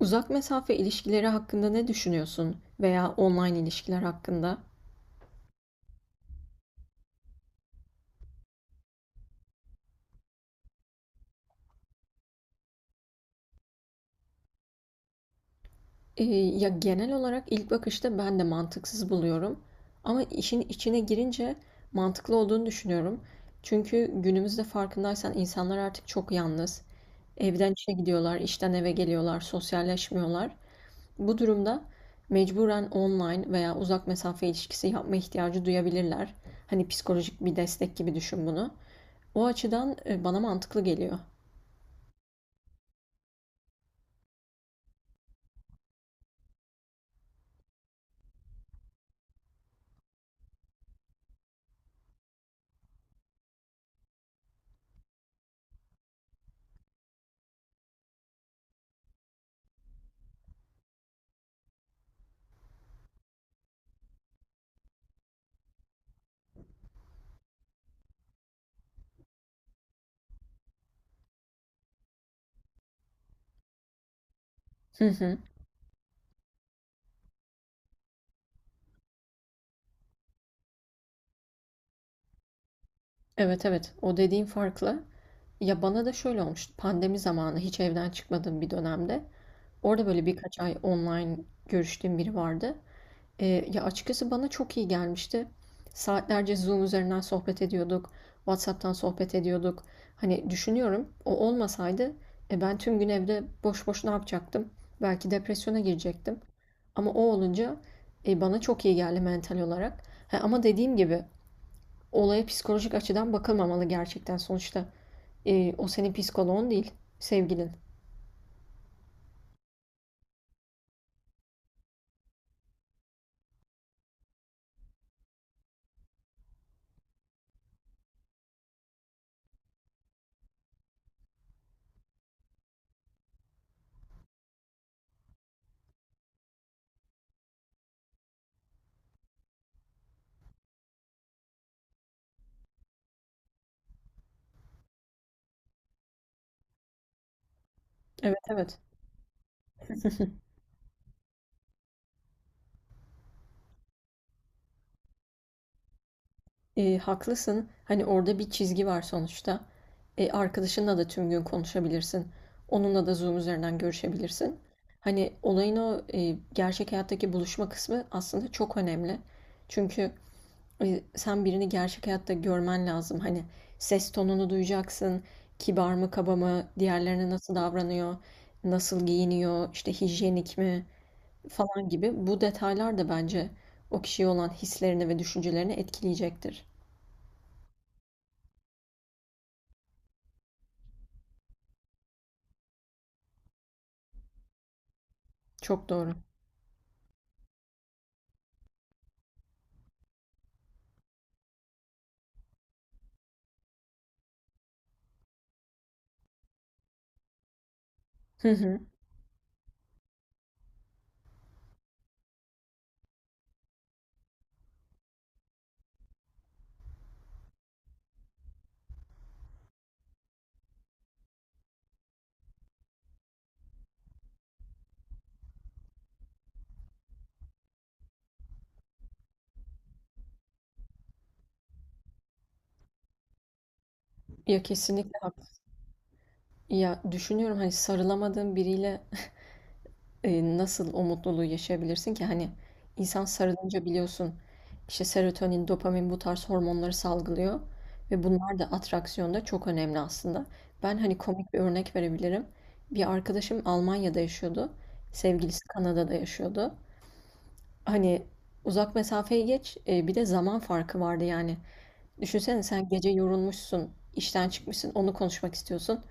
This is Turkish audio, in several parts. Uzak mesafe ilişkileri hakkında ne düşünüyorsun veya online ilişkiler hakkında? Ya genel olarak ilk bakışta ben de mantıksız buluyorum. Ama işin içine girince mantıklı olduğunu düşünüyorum. Çünkü günümüzde farkındaysan insanlar artık çok yalnız. Evden işe gidiyorlar, işten eve geliyorlar, sosyalleşmiyorlar. Bu durumda mecburen online veya uzak mesafe ilişkisi yapma ihtiyacı duyabilirler. Hani psikolojik bir destek gibi düşün bunu. O açıdan bana mantıklı geliyor. Hı hı. Evet evet, o dediğin farklı. Ya bana da şöyle olmuştu pandemi zamanı hiç evden çıkmadığım bir dönemde. Orada böyle birkaç ay online görüştüğüm biri vardı. Ee, ya açıkçası bana çok iyi gelmişti. Saatlerce Zoom üzerinden sohbet ediyorduk. WhatsApp'tan sohbet ediyorduk. Hani düşünüyorum o olmasaydı ben tüm gün evde boş boş ne yapacaktım? Belki depresyona girecektim. Ama o olunca bana çok iyi geldi mental olarak. Ha, ama dediğim gibi olaya psikolojik açıdan bakılmamalı gerçekten. Sonuçta o senin psikoloğun değil, sevgilin. Evet evet. E, haklısın. Hani orada bir çizgi var sonuçta. E, arkadaşınla da tüm gün konuşabilirsin. Onunla da Zoom üzerinden görüşebilirsin. Hani olayın o gerçek hayattaki buluşma kısmı aslında çok önemli. Çünkü sen birini gerçek hayatta görmen lazım. Hani ses tonunu duyacaksın. Kibar mı, kaba mı, diğerlerine nasıl davranıyor, nasıl giyiniyor, işte hijyenik mi falan gibi. Bu detaylar da bence o kişiye olan hislerini ve düşüncelerini etkileyecektir. Çok doğru. Hı hı. Ya kesinlikle haklısın. Ya düşünüyorum hani sarılamadığım biriyle nasıl o mutluluğu yaşayabilirsin ki? Hani insan sarılınca biliyorsun işte serotonin, dopamin bu tarz hormonları salgılıyor ve bunlar da atraksiyonda çok önemli aslında. Ben hani komik bir örnek verebilirim. Bir arkadaşım Almanya'da yaşıyordu. Sevgilisi Kanada'da yaşıyordu. Hani uzak mesafeyi geç, bir de zaman farkı vardı yani. Düşünsene sen gece yorulmuşsun, işten çıkmışsın, onu konuşmak istiyorsun.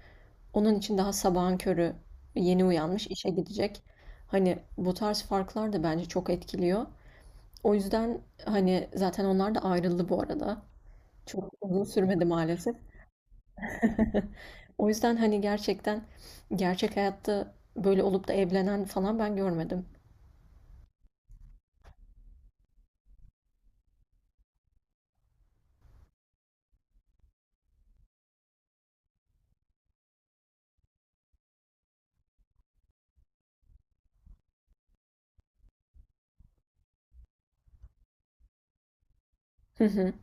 Onun için daha sabahın körü yeni uyanmış işe gidecek. Hani bu tarz farklar da bence çok etkiliyor. O yüzden hani zaten onlar da ayrıldı bu arada. Çok uzun sürmedi maalesef. O yüzden hani gerçekten gerçek hayatta böyle olup da evlenen falan ben görmedim. Hı hı,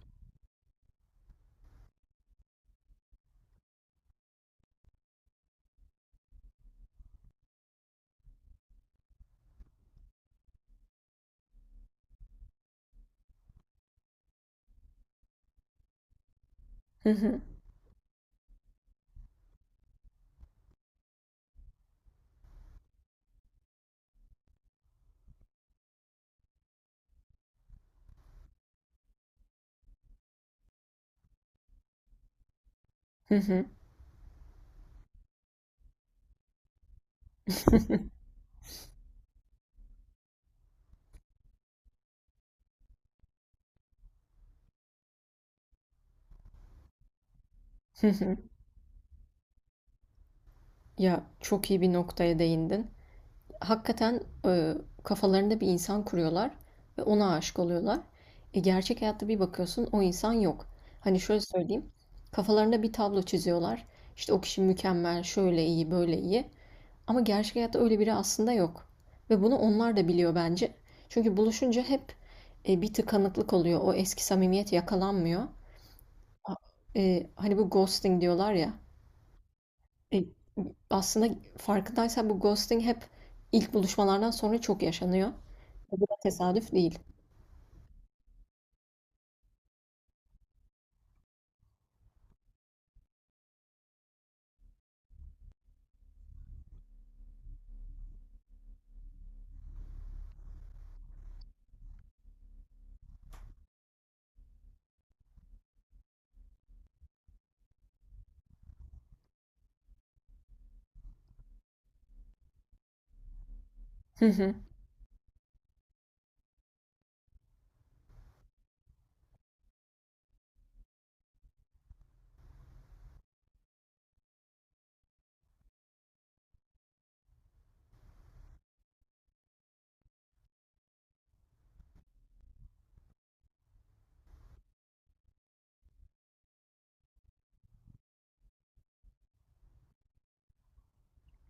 hı hı, hı hı, hı hı. Ya çok iyi bir noktaya değindin. Hakikaten kafalarında bir insan kuruyorlar ve ona aşık oluyorlar. E, gerçek hayatta bir bakıyorsun o insan yok. Hani şöyle söyleyeyim. Kafalarında bir tablo çiziyorlar. İşte o kişi mükemmel, şöyle iyi, böyle iyi. Ama gerçek hayatta öyle biri aslında yok. Ve bunu onlar da biliyor bence. Çünkü buluşunca hep bir tıkanıklık oluyor. O eski samimiyet yakalanmıyor. Hani bu ghosting diyorlar ya. E, Aslında farkındaysan bu ghosting hep ilk buluşmalardan sonra çok yaşanıyor. Bu da tesadüf değil. Hı hı.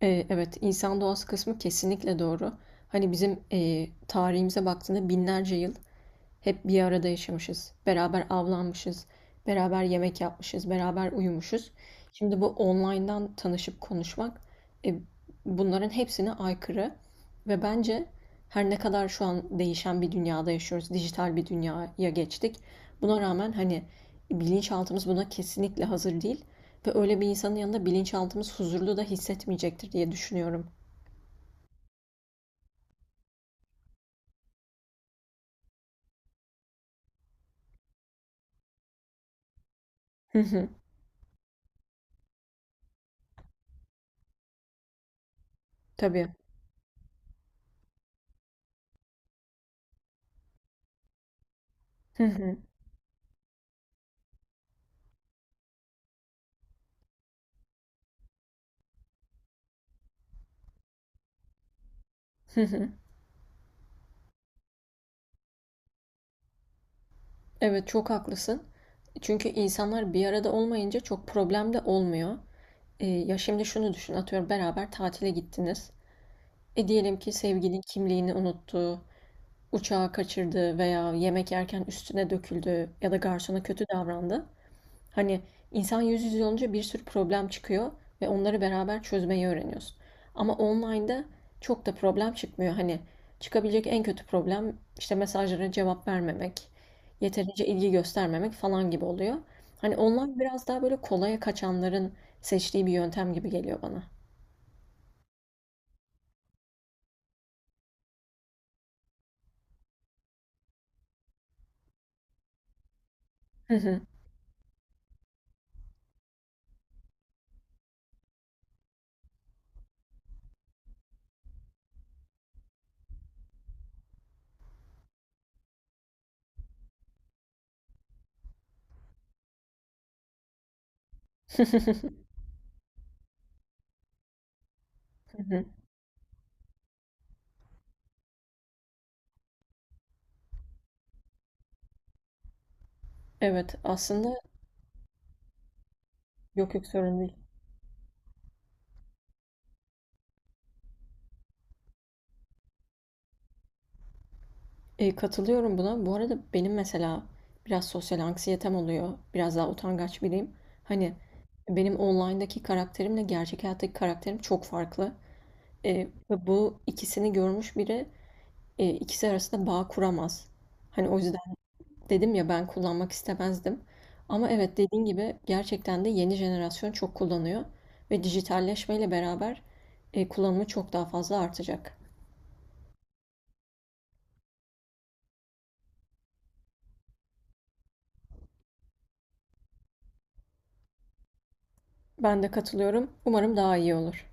E, evet, insan doğası kısmı kesinlikle doğru. Hani bizim tarihimize baktığında binlerce yıl hep bir arada yaşamışız. Beraber avlanmışız. Beraber yemek yapmışız. Beraber uyumuşuz. Şimdi bu online'dan tanışıp konuşmak e, bunların hepsine aykırı ve bence her ne kadar şu an değişen bir dünyada yaşıyoruz, dijital bir dünyaya geçtik. Buna rağmen hani bilinçaltımız buna kesinlikle hazır değil ve öyle bir insanın yanında bilinçaltımız huzurlu da hissetmeyecektir diye düşünüyorum. Hı hı, tabii. Hı hı, hı hı. Evet çok haklısın. Çünkü insanlar bir arada olmayınca çok problem de olmuyor. Ya şimdi şunu düşün, atıyorum beraber tatile gittiniz. E, diyelim ki sevgilin kimliğini unuttu, uçağı kaçırdı veya yemek yerken üstüne döküldü ya da garsona kötü davrandı. Hani insan yüz yüze olunca bir sürü problem çıkıyor ve onları beraber çözmeyi öğreniyorsun. Ama online'da çok da problem çıkmıyor. Hani çıkabilecek en kötü problem işte mesajlara cevap vermemek, yeterince ilgi göstermemek falan gibi oluyor. Hani online biraz daha böyle kolaya kaçanların seçtiği bir yöntem gibi geliyor bana. Hı hı. Hı hı. Evet, aslında yok yok, sorun değil. E, katılıyorum buna. Bu arada benim mesela biraz sosyal anksiyetem oluyor. Biraz daha utangaç biriyim. Hani benim online'daki karakterimle gerçek hayattaki karakterim çok farklı. E, ve bu ikisini görmüş biri ikisi arasında bağ kuramaz. Hani o yüzden dedim ya ben kullanmak istemezdim. Ama evet dediğin gibi gerçekten de yeni jenerasyon çok kullanıyor. Ve dijitalleşmeyle beraber kullanımı çok daha fazla artacak. Ben de katılıyorum. Umarım daha iyi olur.